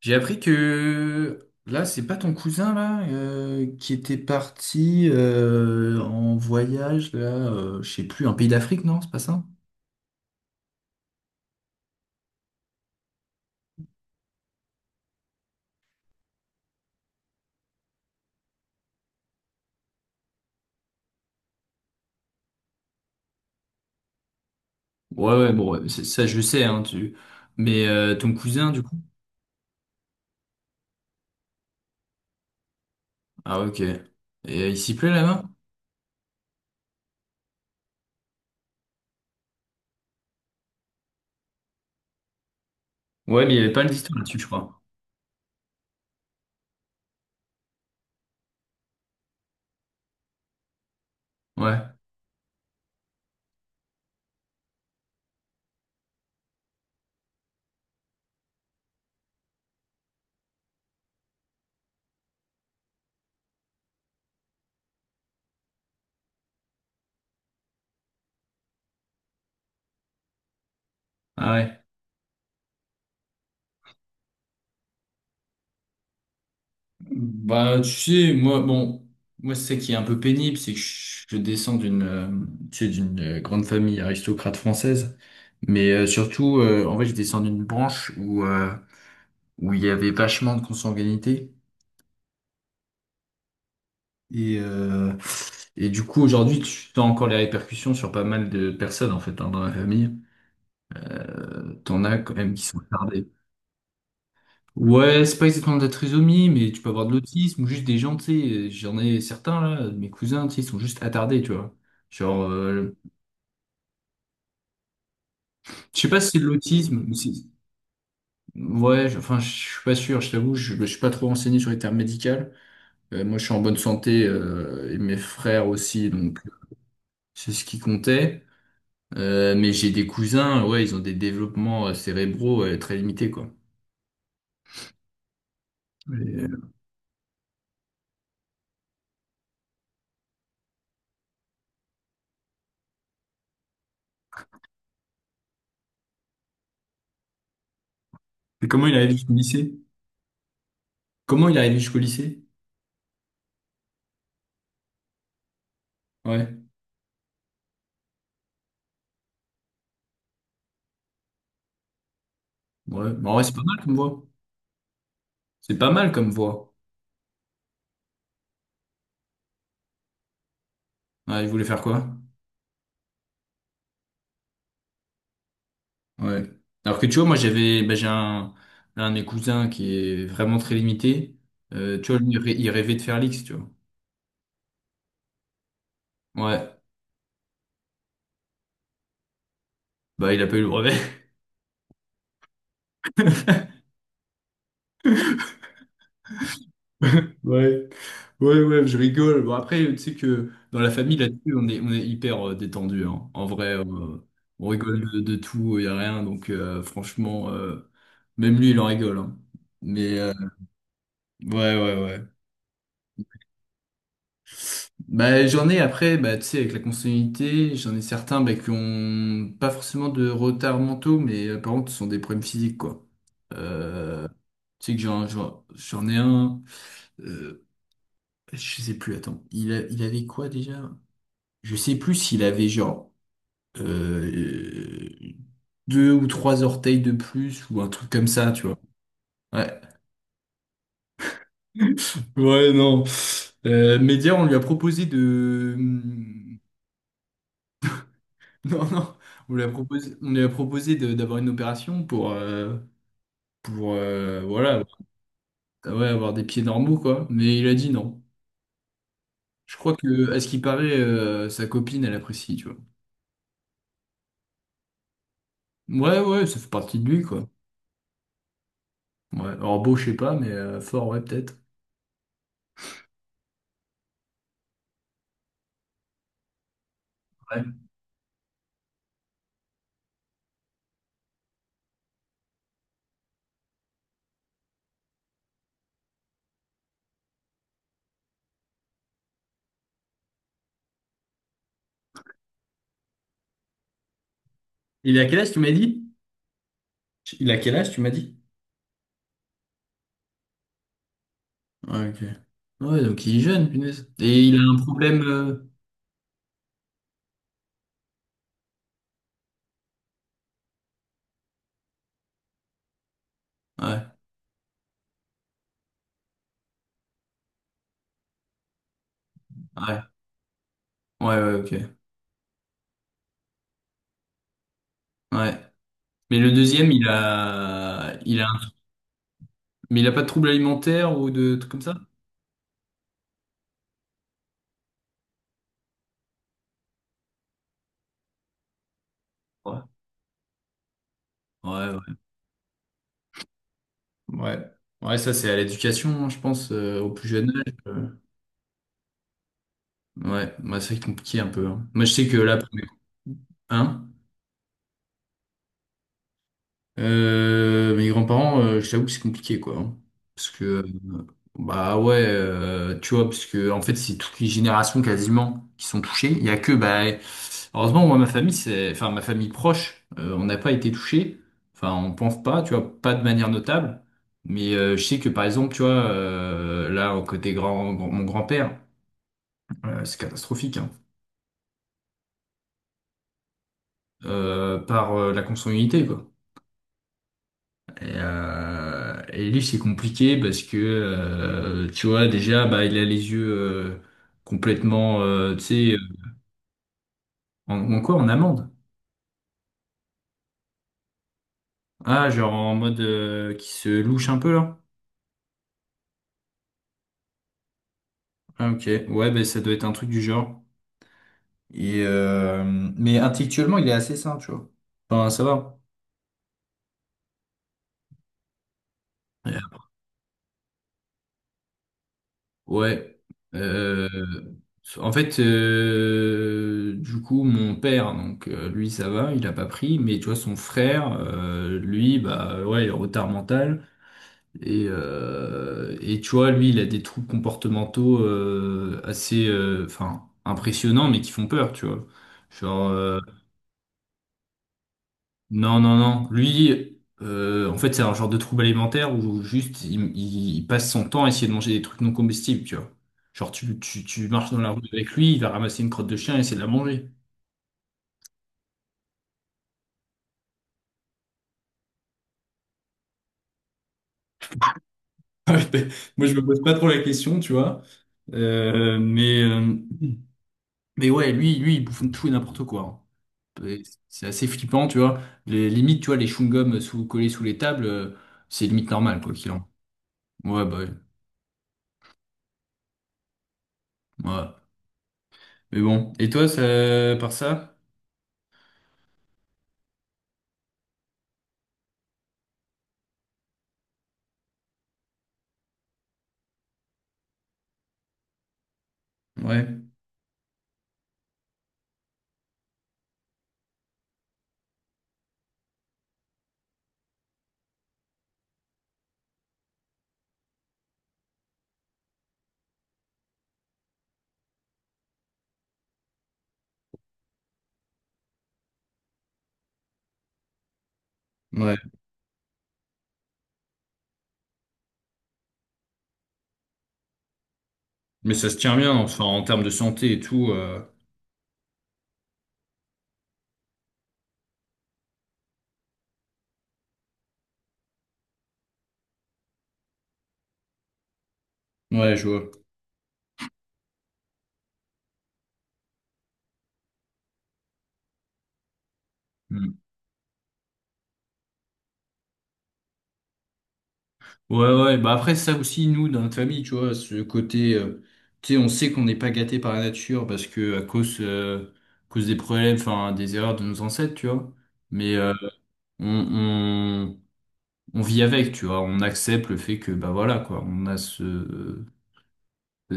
J'ai appris que là, c'est pas ton cousin là qui était parti en voyage là, je sais plus, un pays d'Afrique, non? C'est pas ça? Ouais, ouais, bon, ouais, c'est- ça je sais, hein, tu. Mais ton cousin, du coup? Ah, ok. Et il s'y plaît là-bas? Ouais, mais il y avait pas d'histoire là-dessus, je crois. Ouais. Ah ouais. Bah, tu sais, moi, bon, moi, c'est ça qui est un peu pénible, c'est que je descends d'une, tu sais, d'une grande famille aristocrate française, mais surtout, en fait, je descends d'une branche où où il y avait vachement de consanguinité et euh, et du coup, aujourd'hui, tu as encore les répercussions sur pas mal de personnes en fait hein, dans la famille. T'en as quand même qui sont retardés. Ouais, c'est pas exactement de la trisomie, mais tu peux avoir de l'autisme ou juste des gens, tu sais, j'en ai certains là, de mes cousins, tu sais, ils sont juste attardés, tu vois. Genre. Je sais pas si c'est de l'autisme ou si... Ouais, enfin, je suis pas sûr, je t'avoue, je suis pas trop renseigné sur les termes médicaux. Moi, je suis en bonne santé, et mes frères aussi, donc c'est ce qui comptait. Mais j'ai des cousins, ouais, ils ont des développements cérébraux très limités, quoi. Et, euh, et comment il est arrivé jusqu'au lycée? Comment il est arrivé jusqu'au lycée? Ouais, ouais. Bon, en vrai, c'est pas mal comme voix. C'est pas mal comme voix. Ouais, il voulait faire quoi? Ouais. Alors que tu vois, moi j'avais, bah, j'ai un de mes cousins qui est vraiment très limité. Tu vois, lui, il rêvait de faire l'X, tu vois. Ouais. Bah, il a pas eu le brevet. Ouais. Ouais, ouais, je rigole. Bon, après, tu sais que dans la famille, là-dessus, on est hyper détendu, hein. En vrai, on rigole de tout, il y a rien. Donc, franchement, même lui, il en rigole, hein. Mais, ouais, ouais, ouais. Bah, j'en ai après, bah, tu sais, avec la consanguinité, j'en ai certains bah, qui ont pas forcément de retard mentaux, mais par contre, ce sont des problèmes physiques, quoi. Euh, Tu sais que j'en ai un, euh, je sais plus, attends, il avait quoi déjà? Je sais plus s'il avait genre euh, deux ou trois orteils de plus ou un truc comme ça, tu vois. Ouais. Ouais, non. Média, on lui a proposé de, non, non, on lui a proposé de- d'avoir une opération pour voilà, avoir ah ouais, avoir des pieds normaux, quoi. Mais il a dit non. Je crois que, à ce qui paraît, sa copine, elle apprécie, tu vois. Ouais, ouais, ça fait partie de lui, quoi. Ouais, alors beau, je sais pas, mais fort, ouais, peut-être. Ouais. Il a quel âge, tu m'as dit? Il a quel âge, tu m'as dit? Ouais, ok. Ouais, donc il est jeune, punaise. Et il a un problème. Ouais, ouais, ouais, ouais, ok. Ouais. Mais le deuxième, il a mais il a pas de troubles alimentaires ou de trucs comme ça? Ouais. Ouais, ouais. Ouais, ouais, ça c'est à l'éducation, hein, je pense, au plus jeune âge. Ouais, bah, c'est compliqué un peu, hein. Moi je sais que là, pour mes- hein? Mes grands-parents, je t'avoue que c'est compliqué, quoi, hein. Parce que, bah ouais, tu vois, parce que en fait, c'est toutes les générations quasiment qui sont touchées. Il y a que, bah, heureusement, moi, ma famille, c'est, enfin, ma famille proche, on n'a pas été touché. Enfin, on pense pas, tu vois, pas de manière notable. Mais je sais que, par exemple, tu vois, là, au côté grand, mon grand-père, c'est catastrophique, hein, par la consanguinité, quoi. Et lui, c'est compliqué parce que, tu vois, déjà, bah, il a les yeux complètement, tu sais, ou encore en amande. Ah, genre en mode qui se louche un peu là. Ah, ok. Ouais, ben ça doit être un truc du genre. Et, mais intellectuellement, il est assez sain, tu vois. Enfin, ça va. Ouais. Euh, En fait, du coup, mon père, donc lui, ça va, il a pas pris, mais tu vois, son frère, lui, bah ouais, il a retard mental. Et tu vois, lui, il a des troubles comportementaux assez, enfin, impressionnants, mais qui font peur, tu vois. Genre, non, non, non. Lui, en fait, c'est un genre de trouble alimentaire où juste il passe son temps à essayer de manger des trucs non comestibles, tu vois. Genre, tu marches dans la rue avec lui, il va ramasser une crotte de chien et essayer de la manger. Moi, je me pose pas trop la question, tu vois. Euh, mais, euh, mais ouais, lui, il bouffe tout et n'importe quoi, hein. Et c'est assez flippant, tu vois. Les limites, tu vois, les chewing-gums sous, collés sous les tables, c'est limite normal, quoi qu'il en. Ouais, bah, ouais. Ouais. Mais bon. Et toi, ça, par ça? Ouais. Ouais. Mais ça se tient bien, enfin, en termes de santé et tout. Ouais, je vois. Mm. Ouais, ouais, bah après, ça aussi, nous, dans notre famille, tu vois, ce côté, tu sais, on sait qu'on n'est pas gâté par la nature parce que à cause des problèmes, enfin, des erreurs de nos ancêtres, tu vois. Mais on, on, on vit avec, tu vois, on accepte le fait que, bah voilà, quoi, on a ce,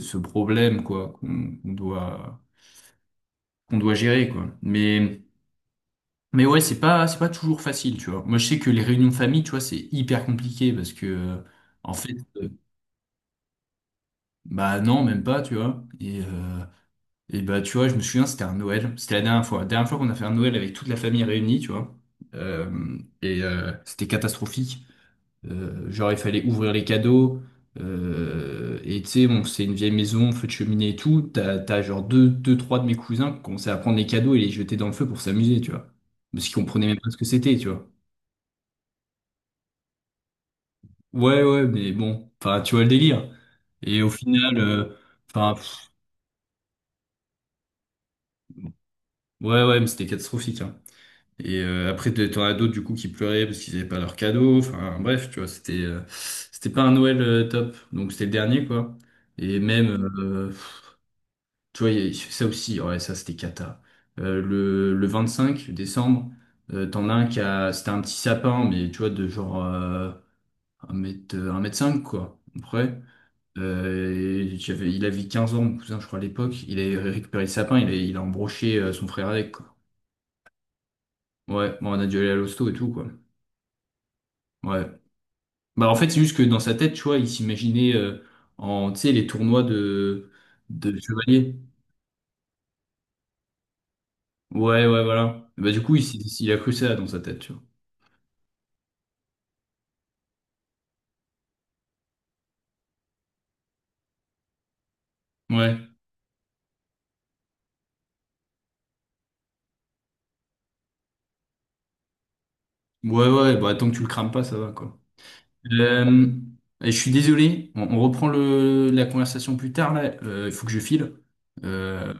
ce problème, quoi, qu'on doit gérer, quoi. Mais. Mais ouais, c'est pas toujours facile, tu vois. Moi, je sais que les réunions de famille, tu vois, c'est hyper compliqué parce que, en fait, bah non, même pas, tu vois. Et bah, tu vois, je me souviens, c'était un Noël. C'était la dernière fois. La dernière fois qu'on a fait un Noël avec toute la famille réunie, tu vois. Et c'était catastrophique. Genre, il fallait ouvrir les cadeaux. Et tu sais, bon, c'est une vieille maison, feu de cheminée et tout. T'as genre deux, trois de mes cousins qui commençaient à prendre les cadeaux et les jeter dans le feu pour s'amuser, tu vois. Parce qu'ils comprenaient même pas ce que c'était, tu vois. Ouais, ouais, mais bon, enfin, tu vois le délire. Et au final, enfin, ouais, ouais, mais c'était catastrophique, hein. Et après, t'en as d'autres du coup qui pleuraient parce qu'ils n'avaient pas leur cadeau. Enfin, bref, tu vois, c'était c'était pas un Noël top. Donc c'était le dernier, quoi. Et même, tu vois, ça aussi, ouais, ça c'était cata. Le 5 décembre, t'en as un qui a, c'était un petit sapin, mais tu vois, de genre 1 mètre 5, quoi, à peu près. Euh, et il avait 15 ans, mon cousin, je crois, à l'époque. Il avait récupéré le sapin, il a embroché son frère avec, quoi. Ouais, bon, on a dû aller à l'hosto et tout, quoi. Ouais. Bah, en fait, c'est juste que dans sa tête, tu vois, il s'imaginait en, tu sais, les tournois de chevaliers. Ouais, ouais, voilà. Bah, du coup, il a cru ça dans sa tête, tu vois. Ouais. Ouais, ouais, bah, tant que tu le crames pas, ça va, quoi. Euh, et je suis désolé, on reprend la conversation plus tard, là. Il faut que je file. Euh,